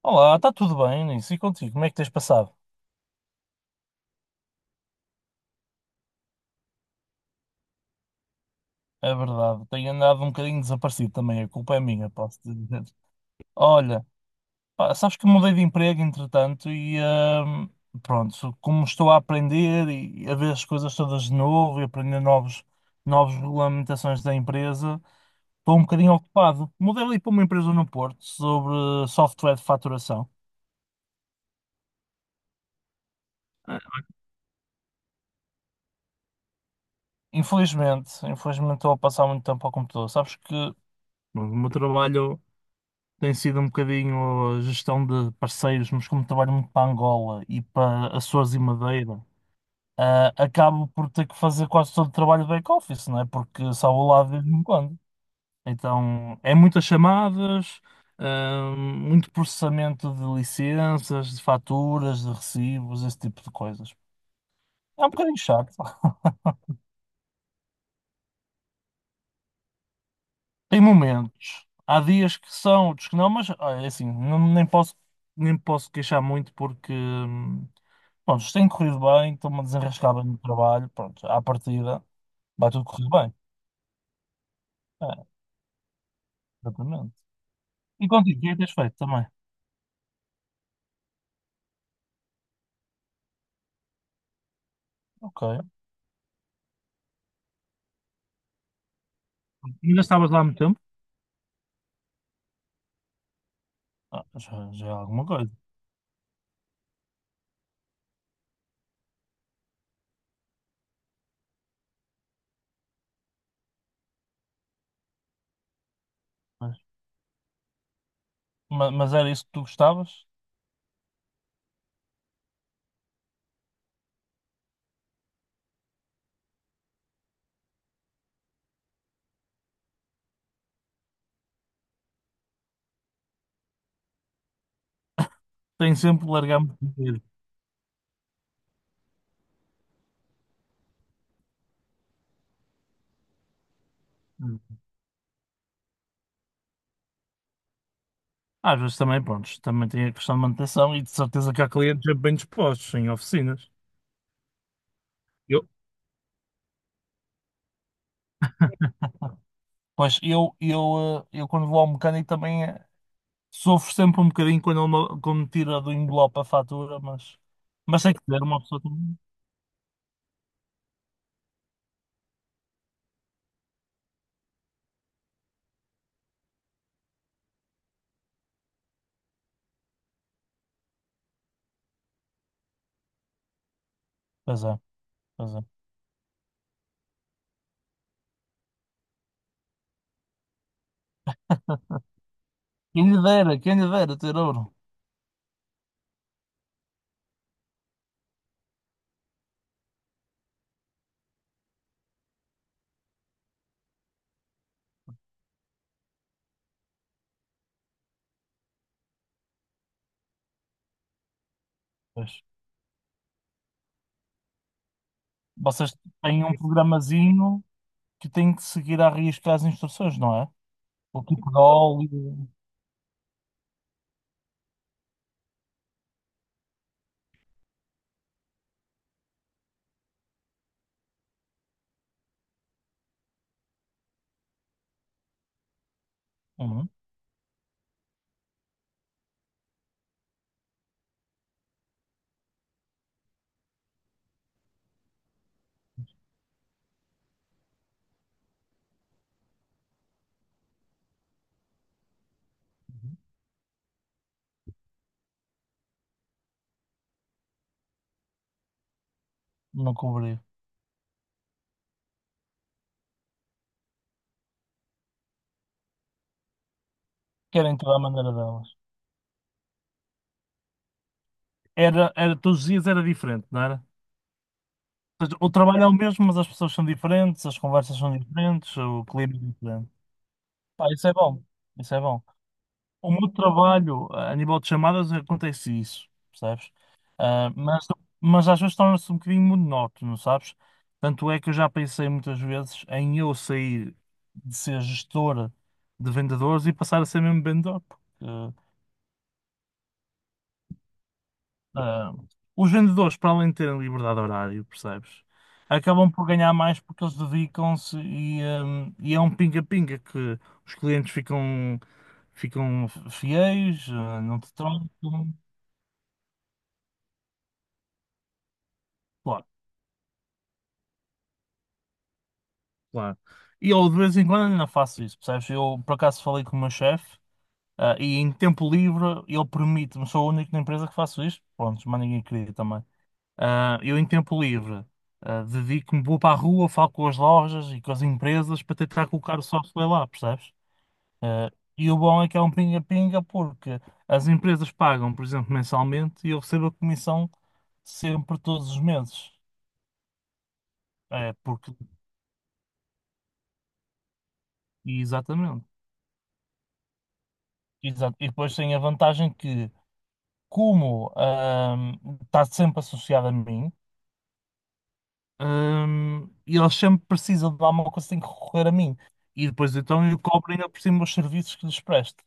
Olá, está tudo bem, Nisso? E contigo? Como é que tens passado? É verdade, tenho andado um bocadinho desaparecido também, a culpa é minha, posso dizer. Olha, pá, sabes que mudei de emprego entretanto e pronto, como estou a aprender e a ver as coisas todas de novo e aprender novos, novas regulamentações da empresa, estou um bocadinho ocupado. Mudei ali para uma empresa no Porto sobre software de faturação. Infelizmente, infelizmente estou a passar muito tempo ao computador. Sabes que o meu trabalho tem sido um bocadinho a gestão de parceiros, mas como trabalho muito para Angola e para Açores e Madeira, acabo por ter que fazer quase todo o trabalho de back-office, não é? Porque só vou lá de vez em quando. Então, é muitas chamadas, muito processamento de licenças, de faturas, de recibos, esse tipo de coisas. É um bocadinho chato. Tem momentos. Há dias que são, outros que não, mas olha, é assim, nem posso, nem posso queixar muito porque, pronto, isto tem corrido bem, estou-me a desenrascar bem no trabalho, pronto, à partida vai tudo correr bem. É, exatamente. E contigo, o que é que tens feito também? Ok. Ainda estavas lá há muito tempo? Ah, já, já é alguma coisa. Mas, mas era isso que tu gostavas? Tenho sempre de largar muito dinheiro. Hum. Às vezes também, pronto, também tem a questão de manutenção e de certeza que há clientes bem dispostos em oficinas. Pois eu quando vou ao mecânico também, sofro sempre um bocadinho quando quando me tira do envelope a fatura, mas tem que ter uma pessoa também. Pois é, pois é. Quem lhe dera ter ouro. Pois. Vocês têm um programazinho que tem que seguir à risca as instruções, não é? O tipo de óleo. Uhum. Uhum. Não cobri. Querem toda a maneira delas. Era, era, todos os dias era diferente, não era? Ou seja, o trabalho é o mesmo, mas as pessoas são diferentes, as conversas são diferentes, o clima é diferente. Pá, isso é bom. Isso é bom. O meu trabalho, a nível de chamadas, acontece isso, percebes? Ah, mas às vezes torna-se um bocadinho monótono, sabes? Tanto é que eu já pensei muitas vezes em eu sair de ser gestora de vendedores e passar a ser mesmo vendedor, porque Ah, os vendedores, para além de terem liberdade de horário, percebes? Acabam por ganhar mais porque eles dedicam-se e e é um pinga-pinga que os clientes ficam, ficam fiéis, não te trocam. Claro, claro. E eu de vez em quando ainda faço isso, percebes? Eu por acaso falei com o meu chefe, e em tempo livre ele permite-me, sou o único na empresa que faço isto, pronto, mas ninguém queria também. Eu, em tempo livre, dedico-me, vou para a rua, falo com as lojas e com as empresas para tentar colocar o software lá, percebes? Ah, e o bom é que é um pinga-pinga porque as empresas pagam, por exemplo, mensalmente e eu recebo a comissão sempre todos os meses. É, porque, exatamente. Exato. E depois tem a vantagem que, como, está sempre associado a mim. E eles sempre precisam de alguma coisa, têm que recorrer a mim. E depois então eu cobro ainda por cima os serviços que lhes presto.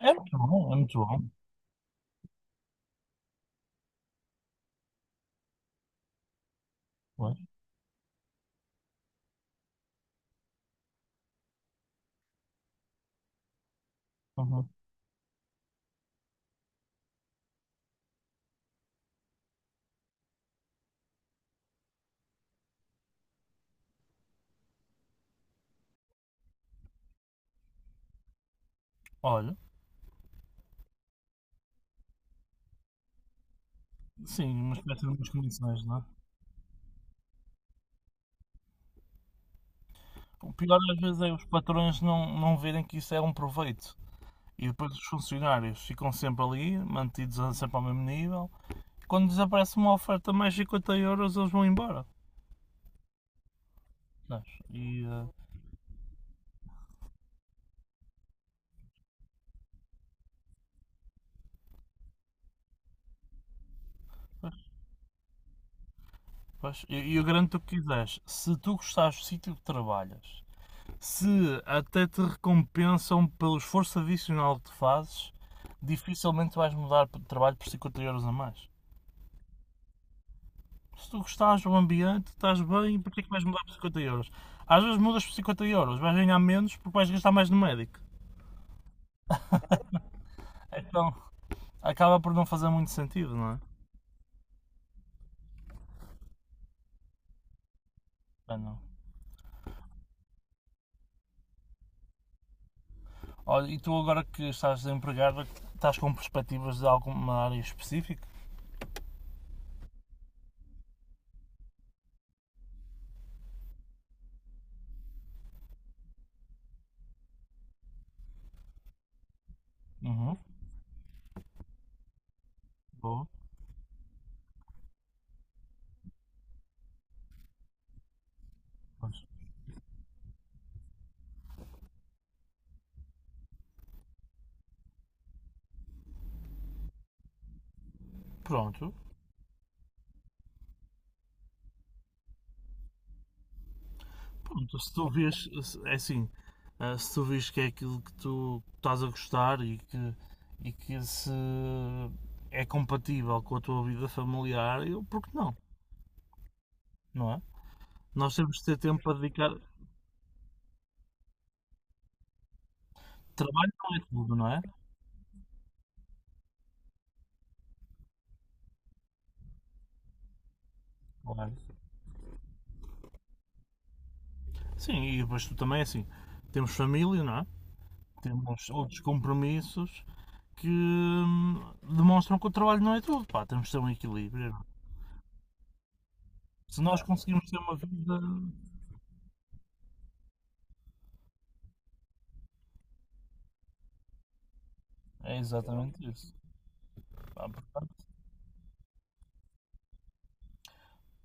É muito bom, é muito bom. Pois, uhum. Olha, sim, uma espécie de umas comissões, não é? O pior às vezes é os patrões não, não verem que isso é um proveito. E depois os funcionários ficam sempre ali, sempre ao mesmo nível. Quando desaparece uma oferta mais 50 euros, eles vão embora. Sabes? Pois, pois, e eu garanto o que quiseres. Se tu gostares do sítio que trabalhas, se até te recompensam pelo esforço adicional que fazes, dificilmente vais mudar de trabalho por 50 € a mais. Se tu gostares do ambiente, estás bem, porque é que vais mudar por 50 euros? Às vezes mudas por 50 euros, vais ganhar menos porque vais gastar mais no médico. Então, acaba por não fazer muito sentido, não é? Ah, não. Olha, e tu agora que estás desempregado, estás com perspectivas de alguma área específica? Uhum, boa. Pronto, Pronto, se tu vês, é assim, se tu vês que é aquilo que tu estás a gostar e que se é compatível com a tua vida familiar, eu, por que não? Não é? Nós temos de ter tempo para dedicar. Trabalho não é tudo, não é? Claro. Sim, e depois tu também, é assim, temos família, não é? Temos outros compromissos que demonstram que o trabalho não é tudo, pá, temos de ter um equilíbrio. Se nós conseguimos ter uma vida, é exatamente isso. Pá, portanto,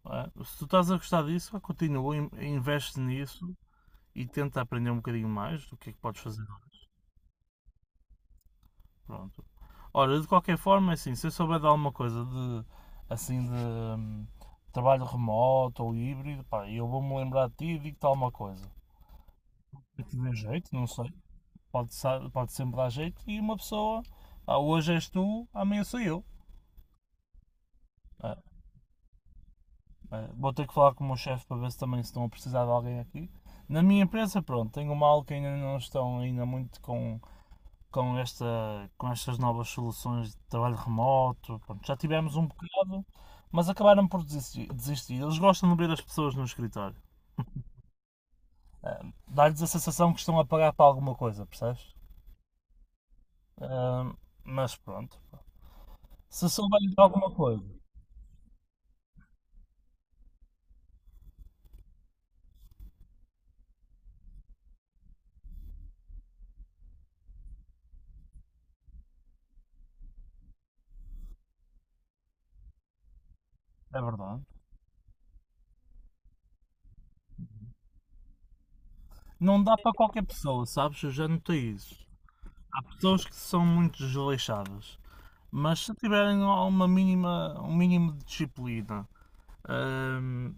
se tu estás a gostar disso, continua, investe nisso e tenta aprender um bocadinho mais do que é que podes fazer. Pronto. Ora, de qualquer forma, é assim, se eu souber de alguma coisa de, assim, de trabalho remoto ou híbrido, pá, eu vou-me lembrar de ti e digo-te alguma coisa. Se te der jeito, não sei. Pode, pode sempre dar jeito e uma pessoa, hoje és tu, amanhã sou eu. Ah, Vou ter que falar com o meu chefe para ver se também estão a precisar de alguém aqui. Na minha empresa, pronto, tenho uma aula que ainda não estão ainda muito com, com, esta, com estas novas soluções de trabalho remoto. Pronto, já tivemos um bocado, mas acabaram por desistir. Eles gostam de ver as pessoas no escritório. Ah, Dá-lhes a sensação que estão a pagar para alguma coisa, percebes? Ah, mas pronto. Se souberem de alguma coisa, é verdade. Não dá para qualquer pessoa, sabes? Eu já notei isso. Há pessoas que são muito desleixadas. Mas se tiverem uma mínima, um mínimo de disciplina hum,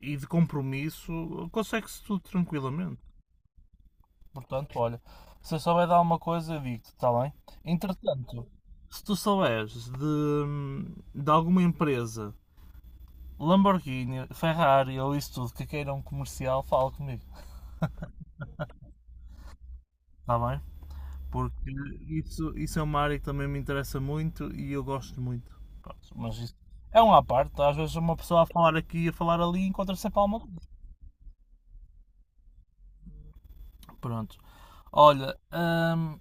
e de compromisso, consegue-se tudo tranquilamente. Portanto, olha, se eu souber de alguma coisa, eu digo-te, está bem? Entretanto, se tu souberes de alguma empresa, Lamborghini, Ferrari ou isso tudo, que queiram comercial, fala comigo, está bem? Porque isso é uma área que também me interessa muito e eu gosto muito. Pronto, mas isso é um à parte. Às vezes uma pessoa a falar aqui e a falar ali encontra sempre alguma coisa. Pronto. Olha, hum,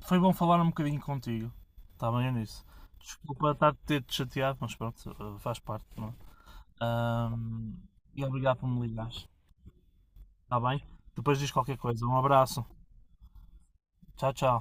foi bom falar um bocadinho contigo. Está bem nisso. Desculpa estar a ter-te chateado, mas pronto, faz parte, não é? E obrigado por me ligares. Está bem? Depois diz qualquer coisa. Um abraço. Tchau, tchau.